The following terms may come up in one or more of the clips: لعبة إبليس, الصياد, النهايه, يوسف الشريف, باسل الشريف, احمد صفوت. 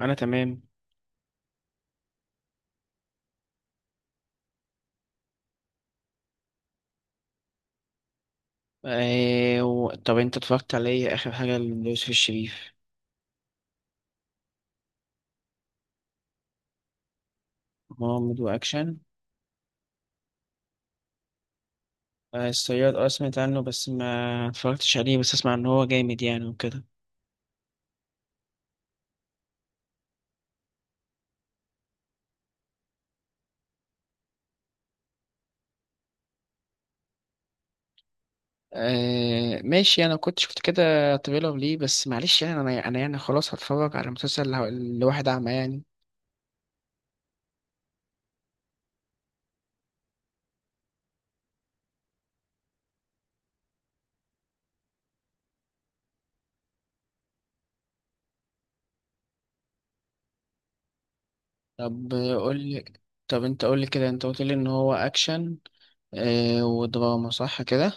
انا تمام. طب انت اتفرجت على ايه اخر حاجه ليوسف الشريف؟ مغامرة واكشن. آه الصياد، اه سمعت عنه بس ما اتفرجتش عليه، بس اسمع ان هو جامد يعني وكده آه ماشي، انا كنت شفت كده تريلر ليه، بس معلش يعني انا يعني خلاص هتفرج على مسلسل لواحد اعمى يعني. طب آه، قول لي. طب انت قول لي كده، انت قلت لي ان هو اكشن آه ودراما صح كده؟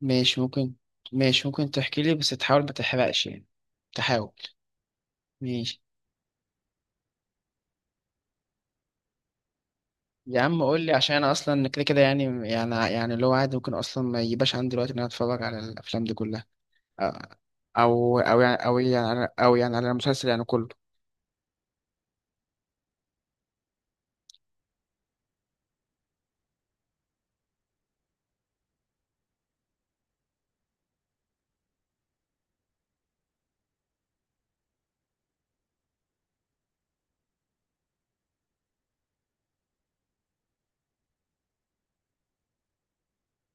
ماشي ممكن. ماشي ممكن تحكي لي بس تحاول ما تحرقش يعني. تحاول. ماشي. يا عم قول لي، عشان انا اصلا كده كده يعني اللي هو عادي، ممكن اصلا ما يجيبش عندي الوقت ان انا اتفرج على الافلام دي كلها. او يعني، او يعني على المسلسل يعني كله.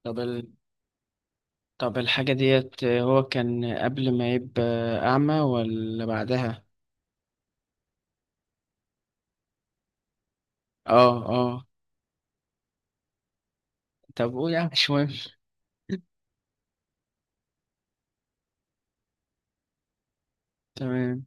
طب طب الحاجة ديت هو كان قبل ما يبقى أعمى ولا بعدها؟ اه اه. طب قول، يعني مش مهم. تمام.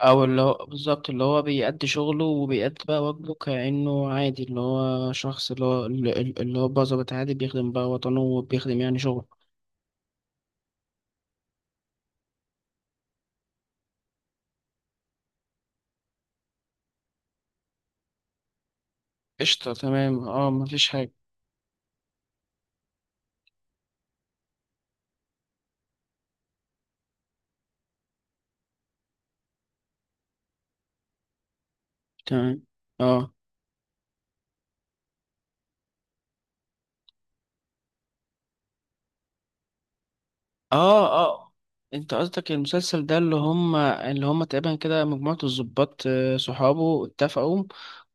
أو اللي هو بالظبط، اللي هو بيأدي شغله وبيأدي بقى واجبه كأنه عادي، اللي هو شخص اللي هو اللي هو بقى ظابط عادي بيخدم بقى وطنه وبيخدم يعني شغله. قشطة، تمام، اه مفيش حاجة. تمام. اه اه اه، انت قصدك المسلسل ده اللي هم، اللي هم تقريبا كده مجموعة الضباط آه، صحابه اتفقوا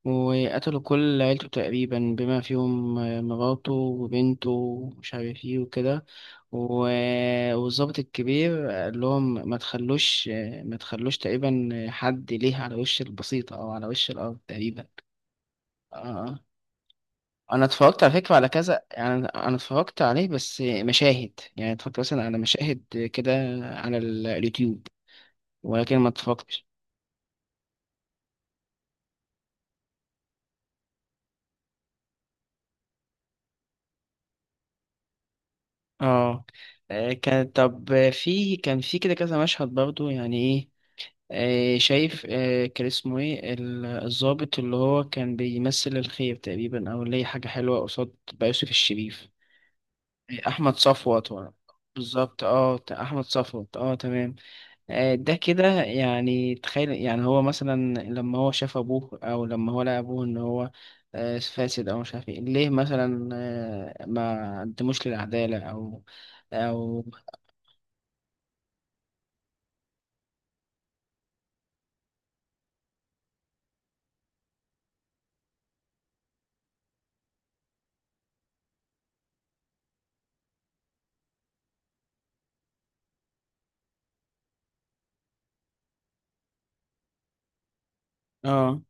وقتلوا كل عيلته تقريبا، بما فيهم آه، مراته وبنته ومش عارف ايه وكده. والضابط الكبير قال لهم ما تخلوش، آه، ما تخلوش تقريبا حد ليه على وش البسيطة او على وش الارض تقريبا. اه. انا اتفرجت على فكره على كذا يعني، انا اتفرجت عليه بس مشاهد، يعني اتفرجت مثلا على مشاهد كده على اليوتيوب، ولكن ما اتفرجتش. اه آه، كان في كده كذا مشهد برضو يعني ايه. آه، شايف آه، كان اسمه ايه الضابط اللي هو كان بيمثل الخير تقريبا، او اللي هي حاجه حلوه قصاد بقى يوسف الشريف؟ آه، احمد صفوت بالظبط، اه احمد صفوت اه تمام. آه، ده كده يعني تخيل، يعني هو مثلا لما هو شاف ابوه او لما هو لقى ابوه ان هو آه، فاسد او مش عارف ايه ليه، مثلا آه، ما قدموش للعدالة او او. اه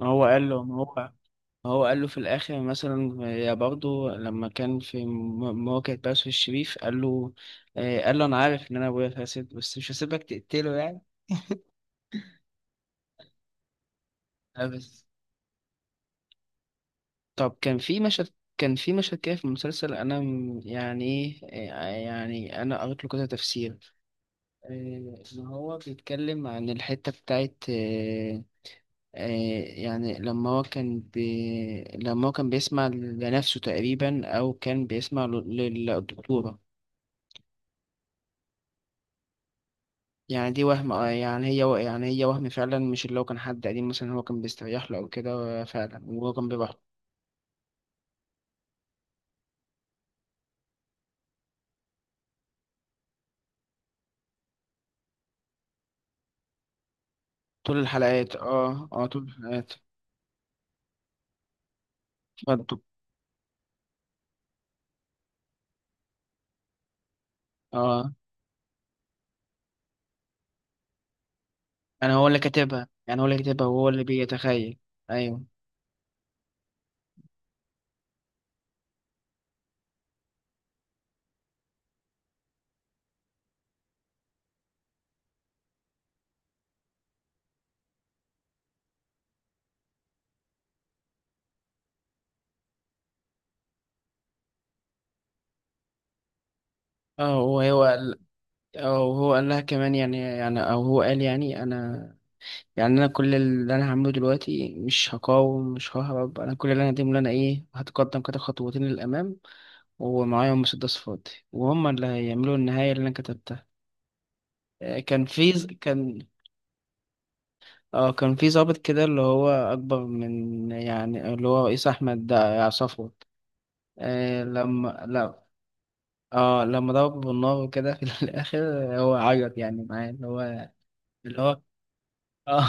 ما هو ما هو قال له في الاخر مثلا، آه، يا برضه لما كان في مواجهة باسل الشريف قال له آه، قال له انا عارف ان انا ابويا فاسد، بس مش هسيبك تقتله يعني. آه، بس. طب كان في مشهد كده في المسلسل انا يعني ايه، يعني انا قريت له كذا تفسير. إيه، ان هو بيتكلم عن الحته بتاعت إيه، إيه، يعني لما هو لما هو كان بيسمع لنفسه تقريبا، او كان بيسمع للدكتوره. يعني دي وهم، آه، يعني يعني هي وهم فعلا، مش اللي هو كان حد قديم مثلا هو كان بيستريح له او كده. آه، فعلا، وهو كان بيبقى طول الحلقات. اه طول الحلقات. اتفضل. اه، انا هو اللي كاتبها، يعني هو اللي كاتبها وهو اللي بيتخيل. ايوه. اه هو قال، او هو قال لها كمان، يعني او هو قال يعني انا، يعني انا كل اللي انا هعمله دلوقتي مش هقاوم، مش ههرب، انا كل اللي انا هقدمه اللي انا ايه هتقدم كده خطوتين للامام، ومعايا مسدس فاضي، وهم اللي هيعملوا النهايه اللي انا كتبتها. آه، كان في كان في ضابط كده اللي هو اكبر من، يعني اللي هو رئيس احمد ده يا صفوت، آه، لما لا. اه لما ضربه بالنار وكده في الاخر هو عيط يعني معاه، اللي هو اللي هو اه.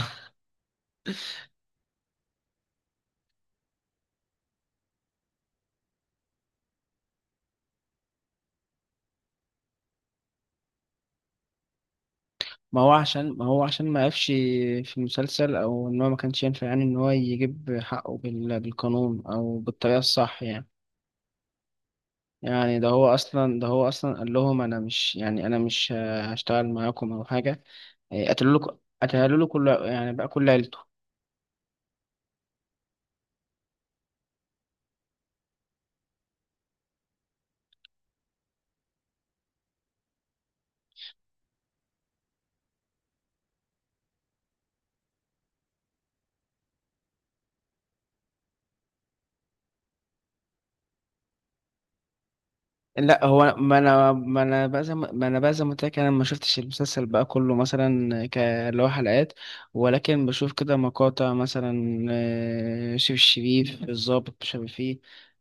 ما هو عشان ما قفش في المسلسل، او ان هو ما كانش ينفع يعني ان هو يجيب حقه بالقانون او بالطريقه الصح يعني. يعني ده هو اصلا قال لهم انا مش، يعني انا مش هشتغل معاكم او حاجه. يعني قتلوا له كل يعني بقى كل عيلته. لا هو ما انا بقى زي ما قلت لك، انا ما شفتش المسلسل بقى كله مثلا اللي هو حلقات، ولكن بشوف كده مقاطع مثلا آه، شيف الشريف الضابط مش عارف ايه.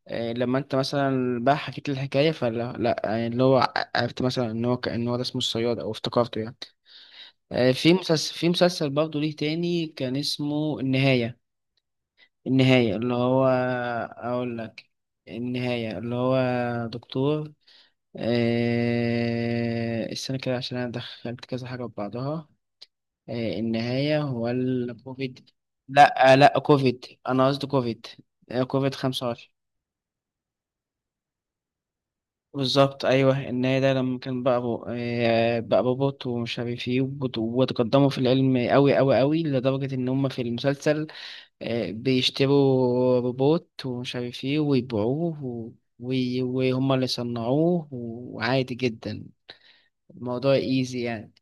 آه، لما انت مثلا بقى حكيت لي الحكايه فلا لا يعني اللي هو عرفت مثلا ان هو ده اسمه الصياد او افتكرته يعني. آه، في مسلسل برضه ليه تاني كان اسمه النهايه. النهايه اللي هو. اقول لك، النهايه اللي هو دكتور آه، استنى كده عشان انا دخلت كذا حاجه في بعضها. آه، النهايه هو الكوفيد. لا آه، لا كوفيد، انا قصدي كوفيد آه، كوفيد 25. بالظبط ايوه، النهايه ده لما كان بقى آه، بقى بوبوت ومش عارف ايه وتقدموا في العلم قوي قوي قوي لدرجه ان هم في المسلسل آه، بيشتروا روبوت ومش عارف ايه ويبيعوه و... وهم اللي صنعوه، وعادي جدا الموضوع ايزي يعني.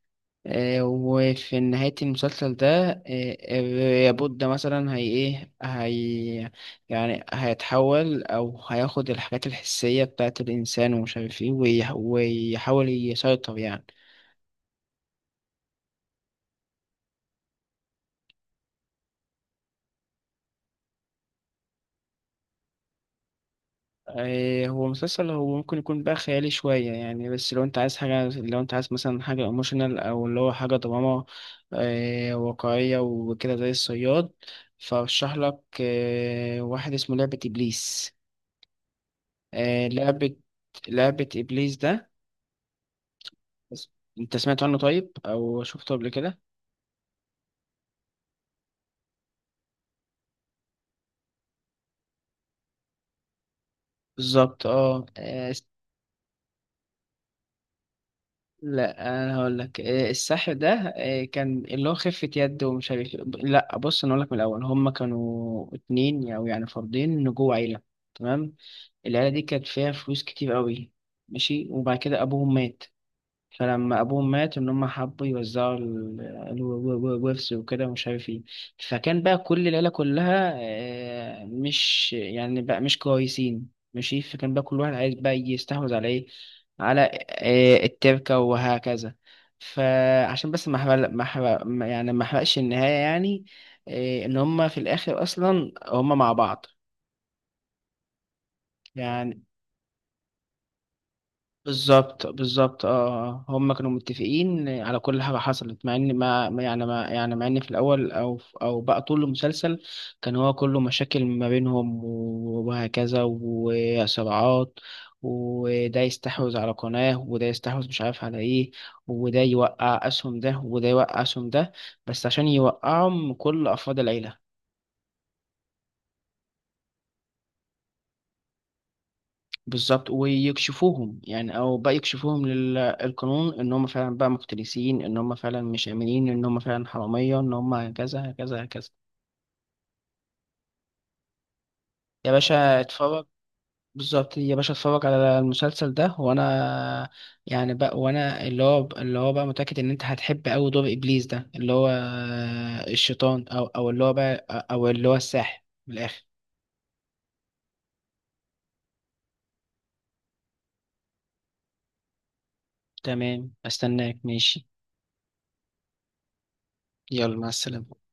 آه، وفي نهاية المسلسل ده آه، الياقوت ده مثلا هي ايه هي، يعني هيتحول أو هياخد الحاجات الحسية بتاعة الإنسان ومش عارف ايه ويحاول يسيطر يعني. آه، هو مسلسل هو ممكن يكون بقى خيالي شوية يعني، بس لو انت عايز حاجة، لو انت عايز مثلا حاجة ايموشنال أو اللي هو حاجة دراما آه، واقعية وكده زي الصياد، فأرشح لك آه، واحد اسمه لعبة إبليس. آه لعبة، لعبة إبليس ده بس- أنت سمعت عنه طيب أو شفته قبل كده؟ بالظبط اه آه، لا أنا هقول لك، آه، السحر ده آه، كان اللي هو خفة يد ومش عارف إيه. لا بص أنا أقول لك من الأول، هما كانوا اتنين أو يعني فردين جوه عيلة. تمام. العيلة دي كانت فيها فلوس كتير قوي، ماشي، وبعد كده أبوهم مات. فلما ابوهم مات ان هم حبوا يوزعوا الورث وكده ومش عارف ايه. فكان بقى كل العيله كلها آه، مش يعني بقى مش كويسين، ماشي، فكان بقى كل واحد عايز بقى يستحوذ على ايه، على آه، التركه وهكذا. فعشان بس ما احرق ما احرق ما- يعني ما احرقش النهايه يعني، آه، ان هم في الاخر اصلا هم مع بعض يعني. بالظبط اه آه، آه. هم كانوا متفقين على كل حاجه حصلت، مع ان ما ما- يعني ما يعني مع ان في الاول او او بقى طول المسلسل كان هو كله مشاكل ما بينهم وهكذا وصراعات، وده يستحوذ على قناه وده يستحوذ مش عارف على ايه، وده يوقع اسهم ده وده يوقع اسهم ده، بس عشان يوقعهم كل افراد العيله. بالظبط، ويكشفوهم يعني، او بقى يكشفوهم للقانون ان هم فعلا بقى مفترسين، ان هم فعلا مش امنين، ان هم فعلا حراميه، ان هم كذا كذا كذا. يا باشا اتفرج، بالظبط يا باشا اتفرج على المسلسل ده، وانا يعني بقى، وانا اللي هو بقى متاكد ان انت هتحب قوي دور ابليس ده، اللي هو الشيطان او اللي هو بقى، او اللي هو الساحر من الاخر. تمام استناك ماشي. يلا مع السلامه.